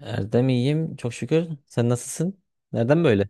Erdem iyiyim çok şükür. Sen nasılsın? Nereden böyle?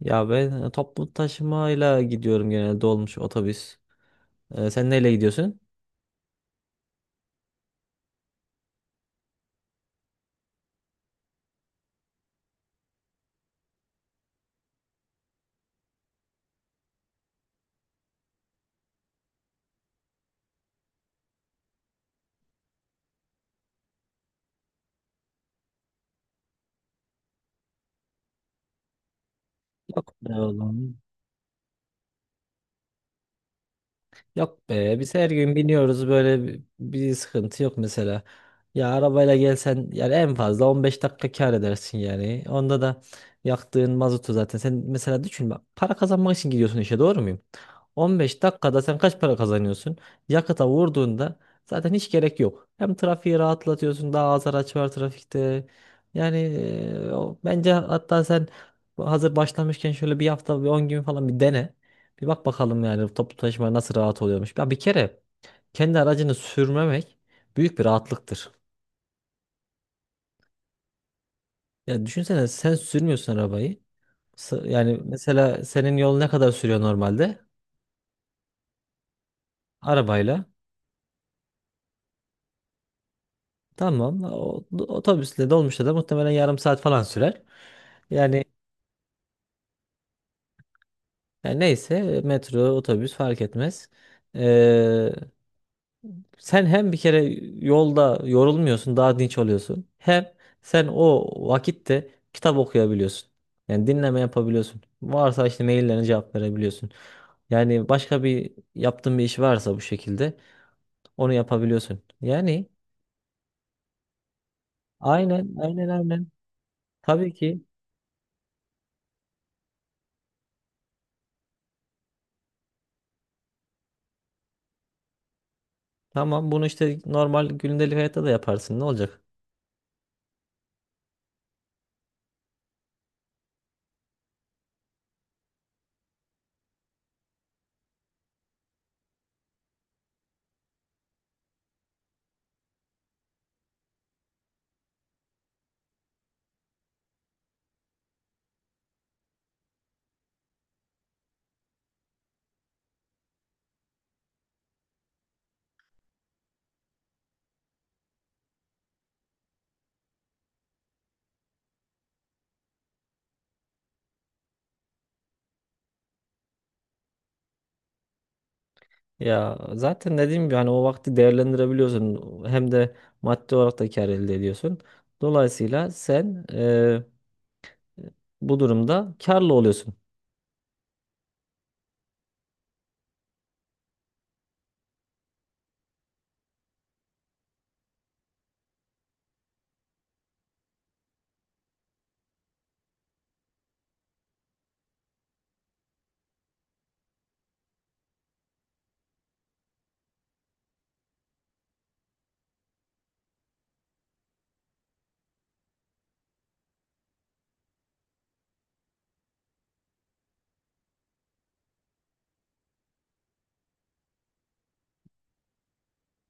Ya ben toplu taşımayla gidiyorum genelde dolmuş otobüs. Sen neyle gidiyorsun? Yok be oğlum. Yok be biz her gün biniyoruz böyle bir sıkıntı yok mesela. Ya arabayla gelsen yani en fazla 15 dakika kar edersin yani. Onda da yaktığın mazotu zaten sen mesela düşün bak para kazanmak için gidiyorsun işe doğru muyum? 15 dakikada sen kaç para kazanıyorsun? Yakıta vurduğunda zaten hiç gerek yok. Hem trafiği rahatlatıyorsun, daha az araç var trafikte. Yani bence hatta sen hazır başlamışken şöyle bir hafta bir 10 gün falan bir dene. Bir bak bakalım yani toplu taşıma nasıl rahat oluyormuş. Ya bir kere kendi aracını sürmemek büyük bir rahatlıktır. Ya düşünsene sen sürmüyorsun arabayı. Yani mesela senin yol ne kadar sürüyor normalde? Arabayla. Tamam. Otobüsle dolmuşla da muhtemelen yarım saat falan sürer. Yani, yani neyse metro, otobüs fark etmez. Ee, Sen hem bir kere yolda yorulmuyorsun, daha dinç oluyorsun. Hem sen o vakitte kitap okuyabiliyorsun. Yani dinleme yapabiliyorsun. Varsa işte maillerine cevap verebiliyorsun. Yani başka yaptığın bir iş varsa bu şekilde onu yapabiliyorsun. Yani aynen. Tabii ki tamam bunu işte normal gündelik hayatta da yaparsın. Ne olacak? Ya zaten dediğim gibi hani o vakti değerlendirebiliyorsun. Hem de maddi olarak da kâr elde ediyorsun. Dolayısıyla sen bu durumda karlı oluyorsun.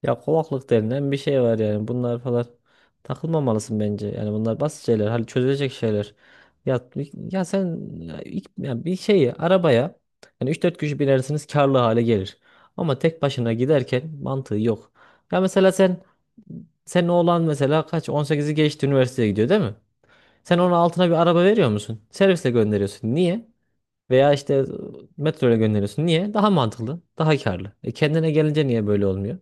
Ya kovaklık denilen bir şey var yani. Bunlar falan takılmamalısın bence. Yani bunlar basit şeyler. Hani çözülecek şeyler. Ya, ya bir şeyi arabaya yani üç dört kişi binersiniz karlı hale gelir. Ama tek başına giderken mantığı yok. Ya mesela sen Senin oğlan mesela kaç on sekizi geçti, üniversiteye gidiyor değil mi? Sen onun altına bir araba veriyor musun? Servisle gönderiyorsun. Niye? Veya işte metro gönderiyorsun. Niye? Daha mantıklı, daha karlı. E kendine gelince niye böyle olmuyor?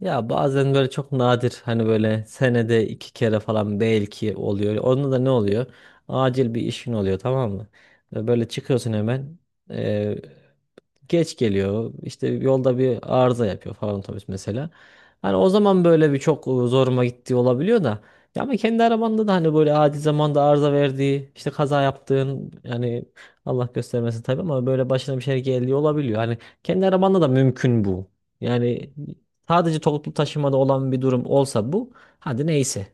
Ya bazen böyle çok nadir hani böyle senede iki kere falan belki oluyor. Onda da ne oluyor? Acil bir işin oluyor, tamam mı? Böyle çıkıyorsun hemen. e, Geç geliyor. İşte yolda bir arıza yapıyor falan otobüs mesela. Hani o zaman böyle bir çok zoruma gittiği olabiliyor da. Ya ama kendi arabanda da hani böyle acil zamanda arıza verdiği, işte kaza yaptığın, yani Allah göstermesin tabii, ama böyle başına bir şey geldiği olabiliyor. Hani kendi arabanda da mümkün bu. Yani sadece toplu taşımada olan bir durum olsa bu, hadi neyse.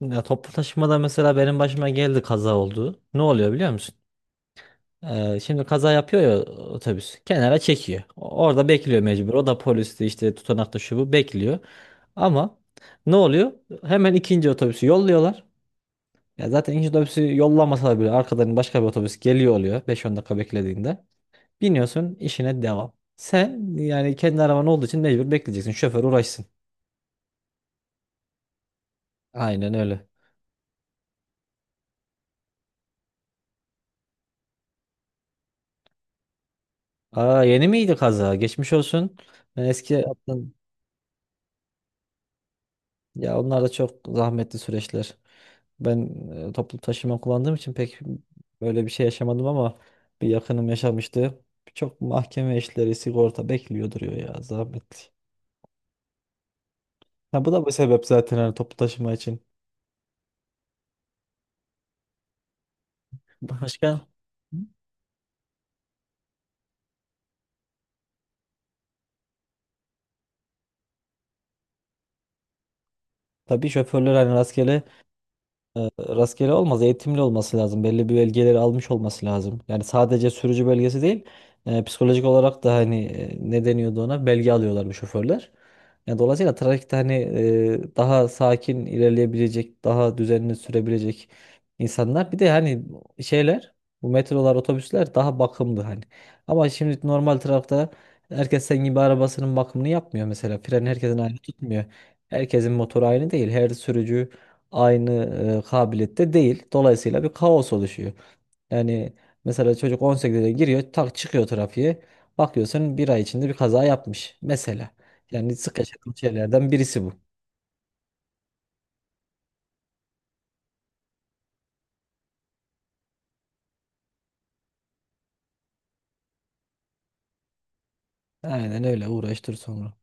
Ya toplu taşımada mesela benim başıma geldi, kaza oldu. Ne oluyor biliyor musun? Şimdi kaza yapıyor ya otobüs. Kenara çekiyor. Orada bekliyor mecbur. O da poliste işte tutanakta şu bu bekliyor. Ama ne oluyor? Hemen ikinci otobüsü yolluyorlar. Ya zaten ikinci otobüsü yollamasalar bile arkadan başka bir otobüs geliyor oluyor beş on dakika beklediğinde. Biniyorsun, işine devam. Sen yani kendi araban olduğu için mecbur bekleyeceksin. Şoför uğraşsın. Aynen öyle. Aa, yeni miydi kaza? Geçmiş olsun. Ben eski yaptım. Ya onlar da çok zahmetli süreçler. Ben toplu taşıma kullandığım için pek böyle bir şey yaşamadım ama bir yakınım yaşamıştı. Çok mahkeme işleri, sigorta bekliyor duruyor ya, zahmetli. Ha, bu da bir sebep zaten hani toplu taşıma için. Başka? Tabii şoförler hani rastgele olmaz. Eğitimli olması lazım. Belli bir belgeleri almış olması lazım. Yani sadece sürücü belgesi değil, psikolojik olarak da hani ne deniyordu ona? Belge alıyorlar bu şoförler. Yani dolayısıyla trafikte hani daha sakin ilerleyebilecek, daha düzenli sürebilecek insanlar. Bir de hani şeyler, bu metrolar, otobüsler daha bakımlı hani. Ama şimdi normal trafikte herkes senin gibi arabasının bakımını yapmıyor mesela. Fren herkesin aynı tutmuyor. Herkesin motoru aynı değil. Her sürücü aynı kabiliyette değil. Dolayısıyla bir kaos oluşuyor. Yani mesela çocuk 18'de giriyor, tak çıkıyor trafiğe. Bakıyorsun bir ay içinde bir kaza yapmış mesela. Yani sık yaşadığım şeylerden birisi bu. Aynen öyle, uğraştır sonra.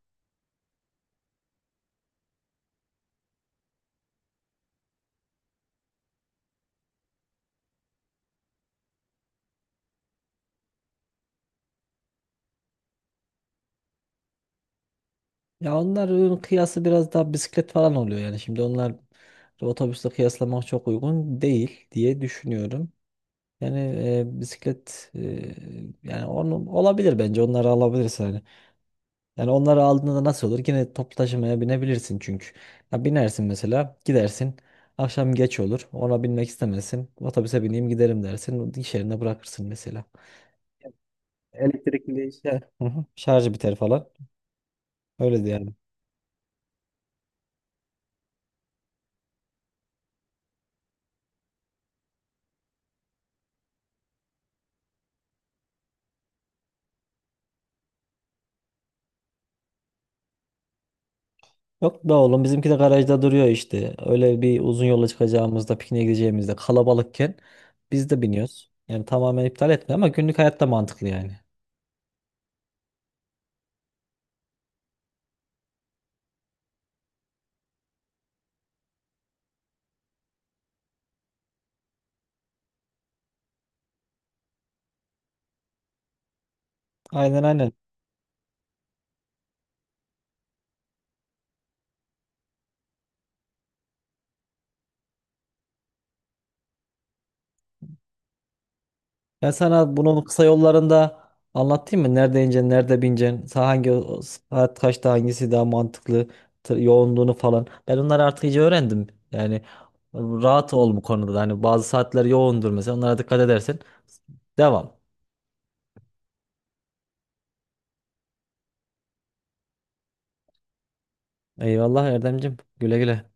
Ya onların kıyası biraz daha bisiklet falan oluyor yani. Şimdi onlar otobüsle kıyaslamak çok uygun değil diye düşünüyorum. Yani bisiklet, yani onu olabilir, bence onları alabilirsin hani. Yani onları aldığında nasıl olur? Yine toplu taşımaya binebilirsin çünkü. Ya binersin mesela, gidersin. Akşam geç olur. Ona binmek istemezsin. Otobüse bineyim giderim dersin. İş yerine bırakırsın mesela. Elektrikli işte. Hı hı. Şarjı biter falan. Öyle de yani. Yok da oğlum, bizimki de garajda duruyor işte. Öyle bir uzun yola çıkacağımızda, pikniğe gideceğimizde, kalabalıkken biz de biniyoruz. Yani tamamen iptal etme ama günlük hayatta mantıklı yani. Aynen. Ben sana bunun kısa yollarında anlatayım mı? Nerede ineceksin, nerede bineceksin, hangi saat kaçta hangisi daha mantıklı, yoğunluğunu falan. Ben onları artık iyice öğrendim. Yani rahat ol bu konuda da. Hani bazı saatler yoğundur mesela. Onlara dikkat edersen devam. Eyvallah Erdemcim. Güle güle.